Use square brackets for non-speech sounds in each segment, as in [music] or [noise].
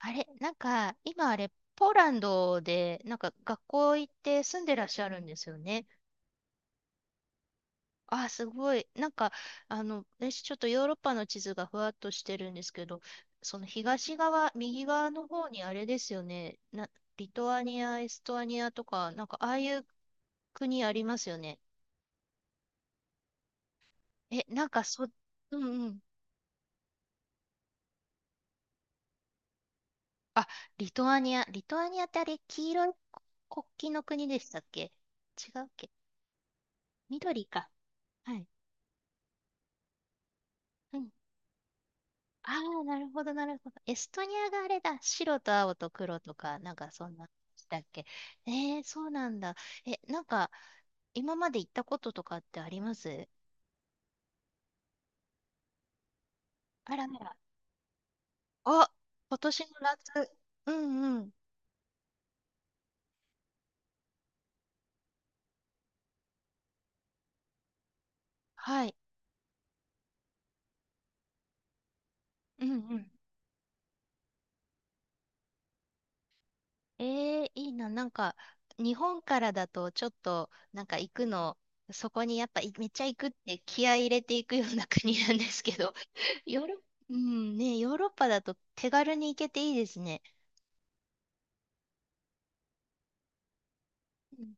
あれ、なんか、今あれ、ポーランドで、学校行って住んでらっしゃるんですよね。あすごい。私ちょっとヨーロッパの地図がふわっとしてるんですけど、その東側、右側の方にあれですよね。リトアニア、エストアニアとか、なんかああいう国ありますよね。え、なんかそ、うんうん。あ、リトアニア。リトアニアってあれ、黄色い国旗の国でしたっけ？違うっけ？緑か。はい。うん。ああ、なるほど、なるほど。エストニアがあれだ。白と青と黒とか、なんかそんな、だっけ。えー、そうなんだ。え、なんか、今まで行ったこととかってあります？あらあら。あ、今年の夏。うんうん。はい。うんうん。えー、いいな。なんか、日本からだと、ちょっと、行くの、そこにやっぱ、めっちゃ行くって気合い入れていくような国なんですけど、[laughs] ヨーロッ、うん、ね、ヨーロッパだと手軽に行けていいですね。うん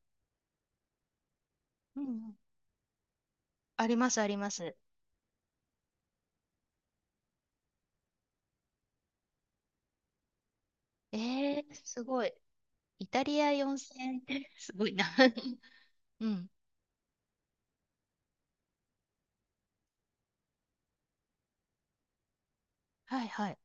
うんうん。あります、あります。えー、すごい。イタリア4000円って [laughs] すごいな [laughs] うん。はいはい。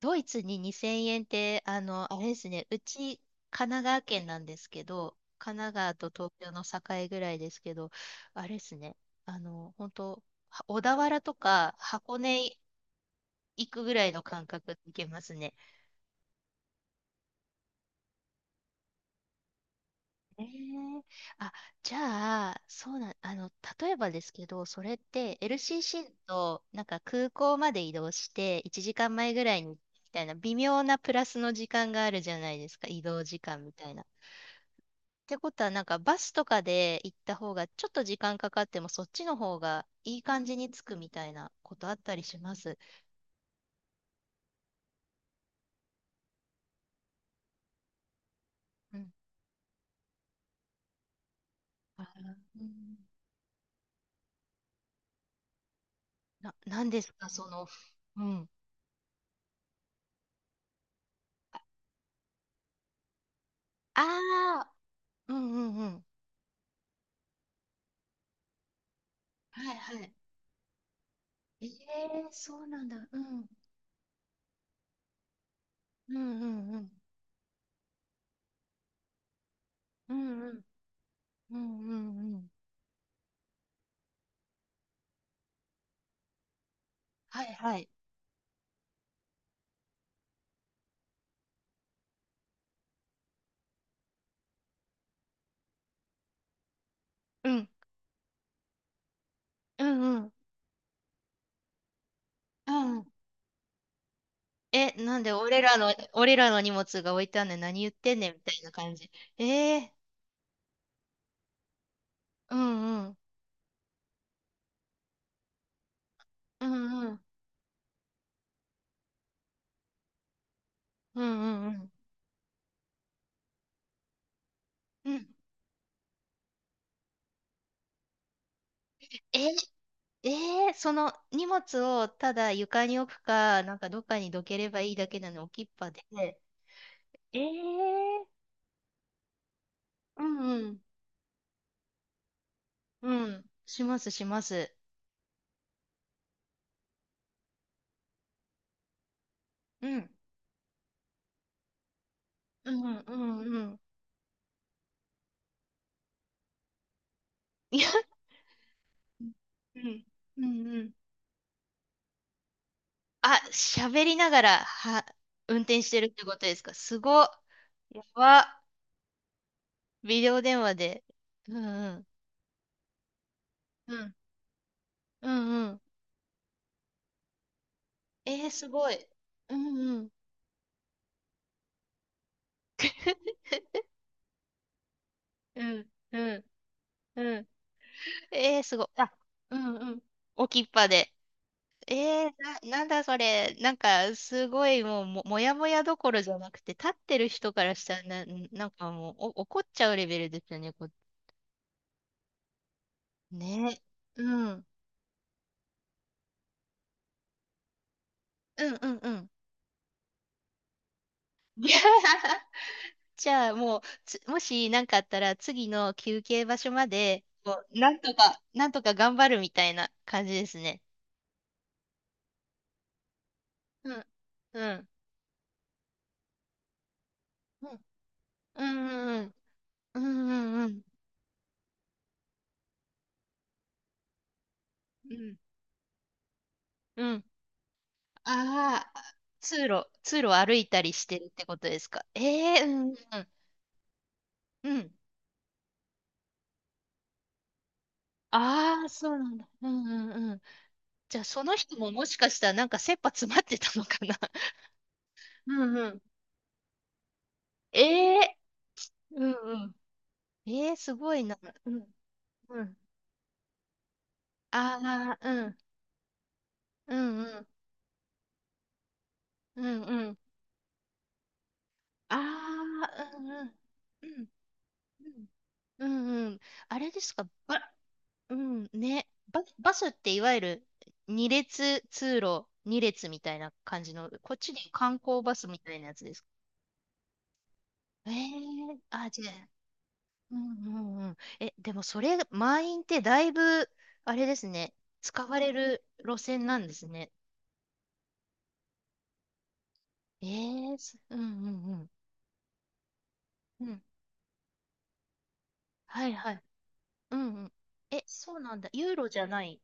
ドイツに2000円って、あの、あれですね。うち、神奈川県なんですけど、神奈川と東京の境ぐらいですけど、あれですね。あの、本当は小田原とか箱根行くぐらいの感覚で行けますね。えー、あ、じゃあ、そうなん、あの、例えばですけど、それって LCC となんか空港まで移動して1時間前ぐらいにみたいな微妙なプラスの時間があるじゃないですか、移動時間みたいな。ってことは、なんかバスとかで行った方がちょっと時間かかってもそっちの方がいい感じに着くみたいなことあったりします？うん。あー、うん、なんですか、その、うん。ああ、うんうんうん。はいはい。ええー、そうなんだ。うん。うんうんうん。うんうん。うんうんうん。はいはい。うん。うんうん。うん。え、なんで俺らの荷物が置いてあんねん。何言ってんねんみたいな感じ。ええー、うんうん。うんうん。うんうんうん。うん。え、えー、その荷物をただ床に置くか、なんかどっかにどければいいだけなの置きっぱで。ええー、うんうん。うん。しますします。うん。うんうんうんうん。いや、うん、うん、うん。あ、喋りながら、は、運転してるってことですか？すごっ。やば。ビデオ電話で。うん、うん。うん、うん、うん。えー、すごい。うん、うん。[laughs] うん、うん、うん。えー、すごい。あ、うん、うん。置きっぱで。えー、なんだそれ。なんか、すごい、もう、も、もやもやどころじゃなくて、立ってる人からしたらな、なんかもう、怒っちゃうレベルですよね、こ、ね。うん。うんうんうん。[laughs] いや、じゃあもう、もし何かあったら次の休憩場所まで、なんとか、なんとか頑張るみたいな感じですね。うん。うん。うん。うんうんうん。うんうんうん。うん。ああ、通路を歩いたりしてるってことですか？ええ、うんうんうん。うん。ああ、そうなんだ。うんうんうん。じゃあその人ももしかしたらなんか切羽詰まってたのかな。[laughs] うんうん。[laughs] ええー、うんうん。えー、すごいな。うん、うん。ああ、うん、うん、うん、うん、うん。ああ、うん、うん、うん、うん、うん。あれですか、ば、うん、ね。バスっていわゆる二列通路、二列みたいな感じの、こっちで観光バスみたいなやつですか？えー、あ、じゃあ、うん、うん、うん。え、でもそれ、満員ってだいぶ、あれですね、使われる路線なんですね。えー、うん、うん、うん。はいはい。うんうん。え、そうなんだ。ユーロじゃない？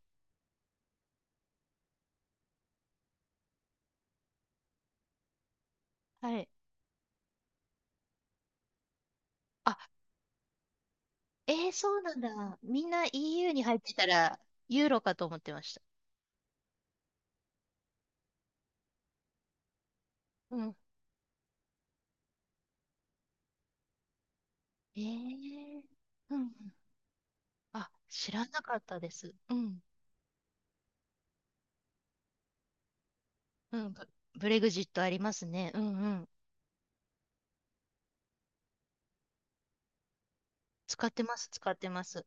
はい。あ、えー、そうなんだ。みんな EU に入ってたら、ユーロかと思ってました。うん。えー、うんうん。あ、知らなかったです。うん。うん。ブレグジットありますね。うんうん。使ってます、使ってます。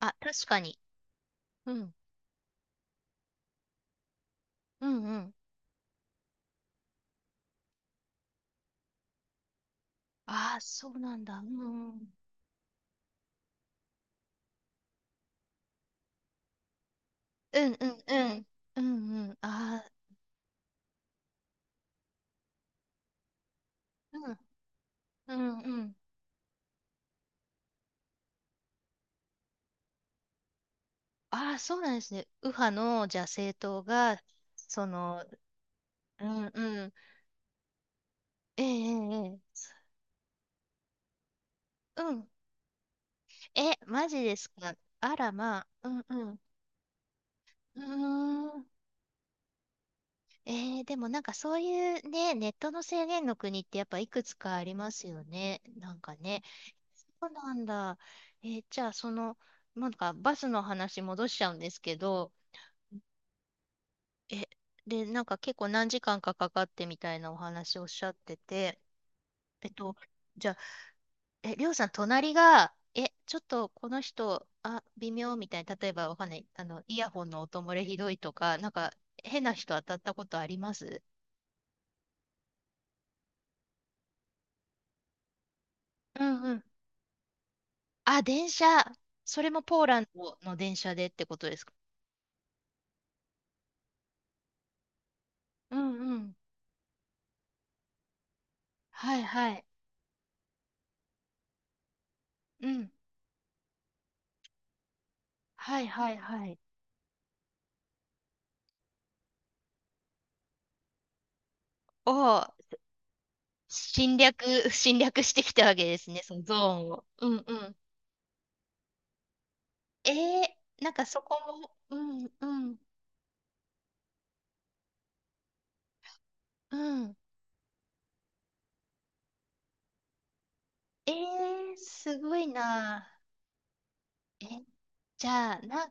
あ、確かに。うん。うんうん。ああ、そうなんだ。うんうん。うんうんうん。うんうん。ああ、うん。うんうん。ああ、そうなんですね。右派の、じゃあ政党が、その、うんうん。ええええええ、うん。え、マジですか？あら、まあ、うんうん。うーん。えー、でもなんかそういうね、ネットの制限の国ってやっぱいくつかありますよね。なんかね。そうなんだ。えー、じゃあその、なんかバスの話戻しちゃうんですけど、え、で、なんか結構何時間かかかってみたいなお話おっしゃってて、えっと、じゃえ、りょうさん、隣が、え、ちょっとこの人、あ、微妙みたいな、例えばわかんない、あの、イヤホンの音漏れひどいとか、なんか、変な人当たったことあります？うんうん。あ、電車。それもポーランドの電車でってことですか？うんうん。はいはい。うん。はいはいはい。を侵略、侵略してきたわけですね、そのゾーンを。うんうん。えー、なんかそこも、うん、うん、うん。えー、すごいな。え、じゃあ、な、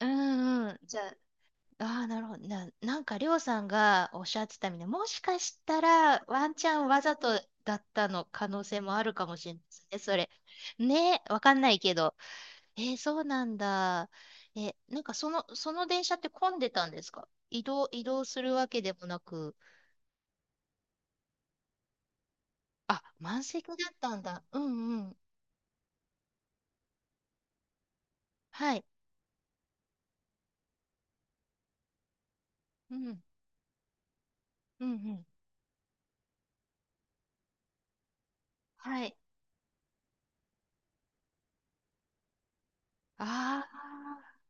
うんうん。じゃあ、ああ、なるほど。なんか、りょうさんがおっしゃってたみたいな、もしかしたら、ワンチャンわざとだったの可能性もあるかもしれないですね、それ。ね、わかんないけど。えー、そうなんだ。え、なんか、その電車って混んでたんですか？移動、移動するわけでもなく。あ、満席だったんだ。うんうん。はい。うん。うんうん。はい。ああ。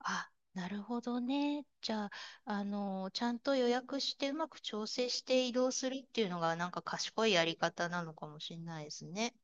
あ、なるほどね。じゃあ、あの、ちゃんと予約してうまく調整して移動するっていうのがなんか賢いやり方なのかもしれないですね。